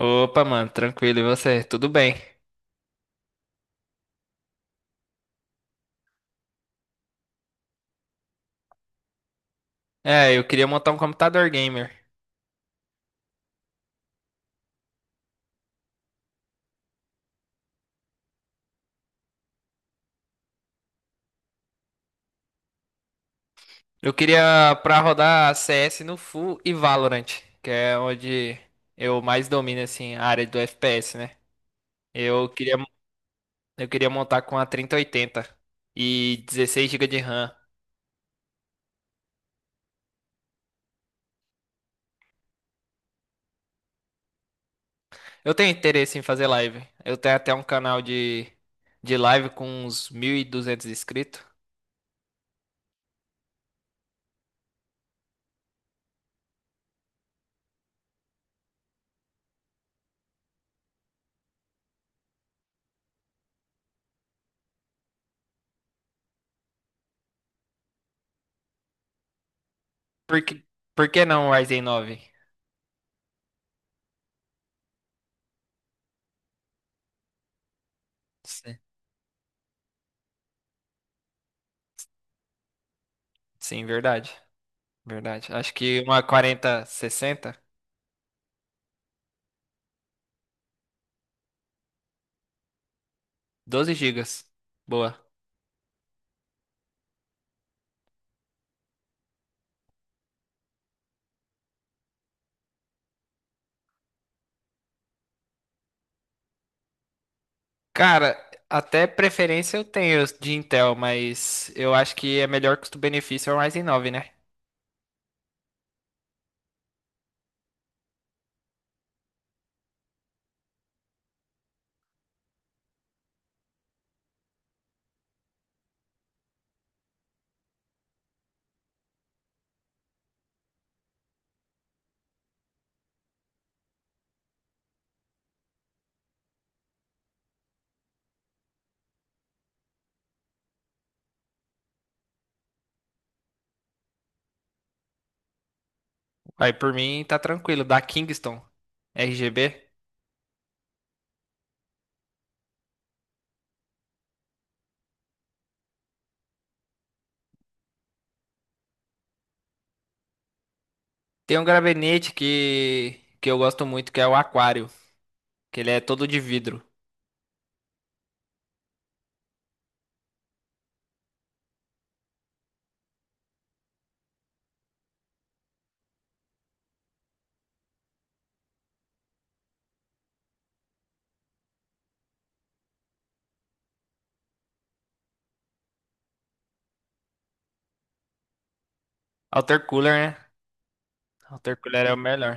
Opa, mano, tranquilo, e você? Tudo bem? É, eu queria montar um computador gamer. Eu queria pra rodar CS no Full e Valorant, que é onde eu mais domino assim a área do FPS, né? Eu queria eu queria montar com a 3080 e 16 GB de RAM. Eu tenho interesse em fazer live. Eu tenho até um canal de live com uns 1.200 inscritos. Por que, por que não o Ryzen 9? Sim, sim, verdade. Verdade. Acho que uma 4060 doze gigas. Boa. Cara, até preferência eu tenho de Intel, mas eu acho que é melhor custo-benefício é o Ryzen 9, né? Aí por mim tá tranquilo, da Kingston RGB. Tem um gabinete que eu gosto muito, que é o Aquário, que ele é todo de vidro. Cooler, né? Altercooler é o melhor.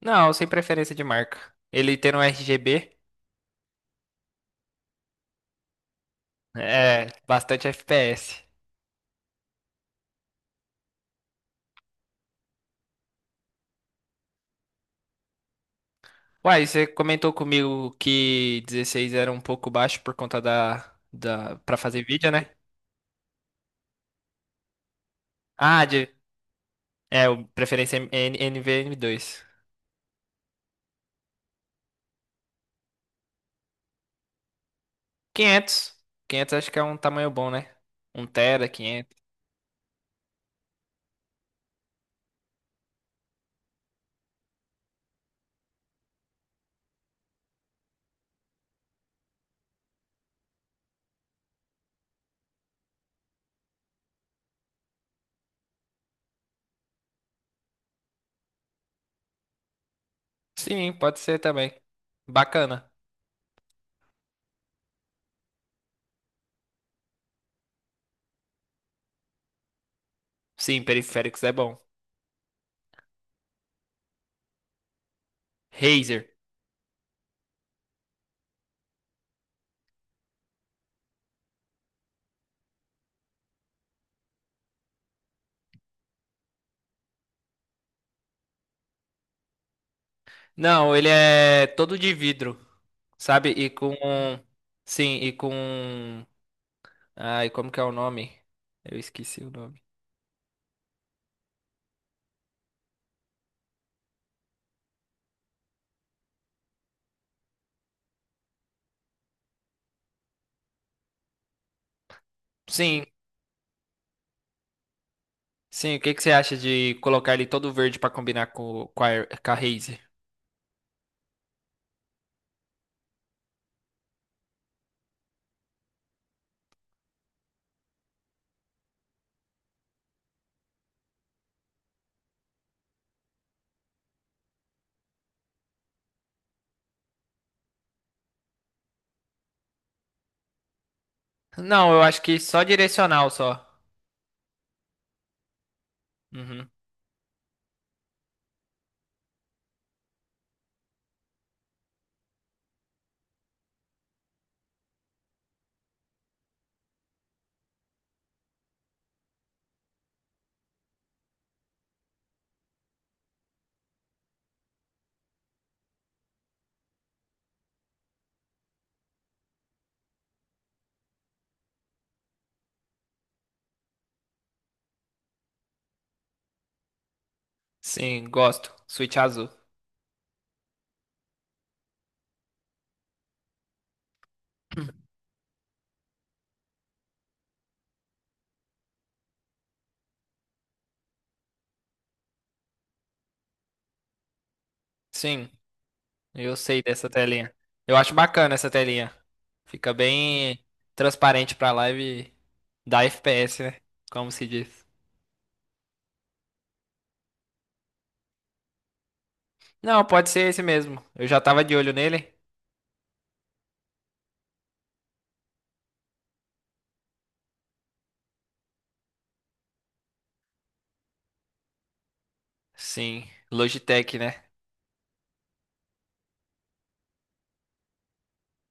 Não, sem preferência de marca. Ele tendo um RGB, é bastante FPS. Uai, você comentou comigo que 16 era um pouco baixo por conta da para fazer vídeo, né? Ah, de é, o preferência é nvme dois. quinhentos 500, acho que é um tamanho bom, né? 1 TB, 500. Sim, pode ser também. Bacana. Sim, periféricos é bom. Razer. Não, ele é todo de vidro, sabe? E com sim, e com ai, como que é o nome? Eu esqueci o nome. Sim, sim, o que que você acha de colocar ele todo verde pra combinar com a Raze? Não, eu acho que só direcional só. Uhum. Sim, gosto. Switch azul. Sim, eu sei dessa telinha. Eu acho bacana essa telinha. Fica bem transparente pra live da FPS, né? Como se diz. Não, pode ser esse mesmo. Eu já tava de olho nele. Sim, Logitech, né?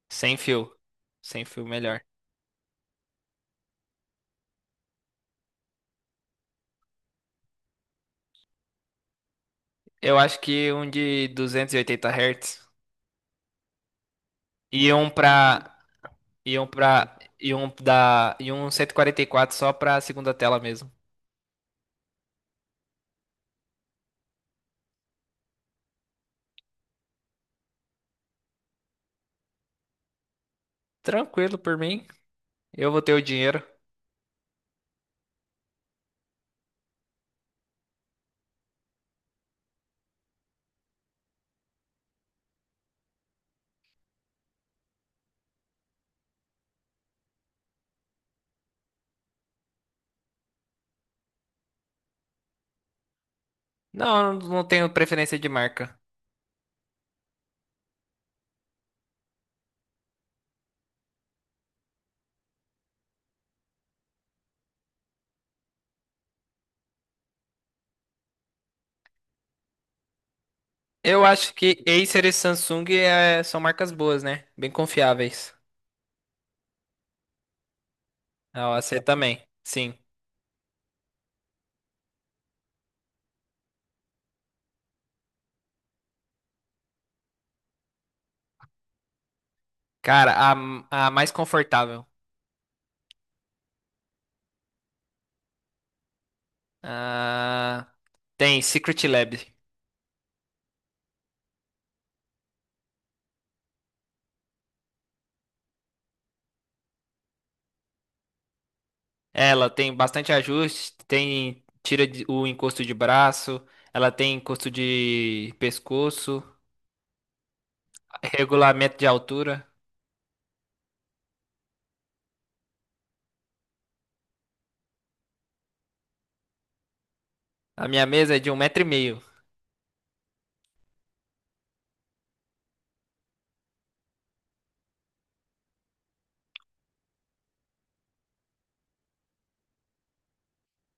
Sem fio. Sem fio melhor. Eu acho que um de 280 Hz. Iam pra. Iam pra. Iam da. Iam 144 só pra segunda tela mesmo. Tranquilo por mim. Eu vou ter o dinheiro. Não, eu não tenho preferência de marca. Eu acho que Acer e Samsung são marcas boas, né? Bem confiáveis. A OAC também, sim. Cara, a mais confortável. Ah, tem Secret Lab. Ela tem bastante ajuste, tem o encosto de braço, ela tem encosto de pescoço. Regulamento de altura. A minha mesa é de um metro e meio.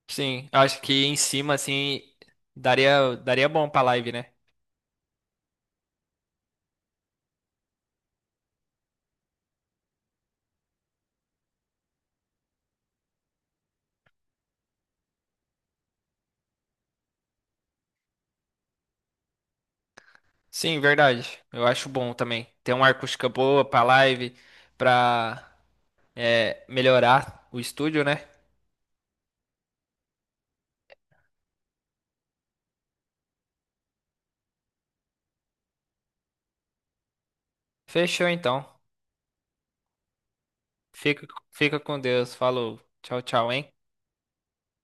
Sim, eu acho que em cima, assim, daria bom pra live, né? Sim, verdade. Eu acho bom também ter uma acústica boa pra live, pra melhorar o estúdio, né? Fechou então. Fica, fica com Deus. Falou. Tchau, tchau, hein?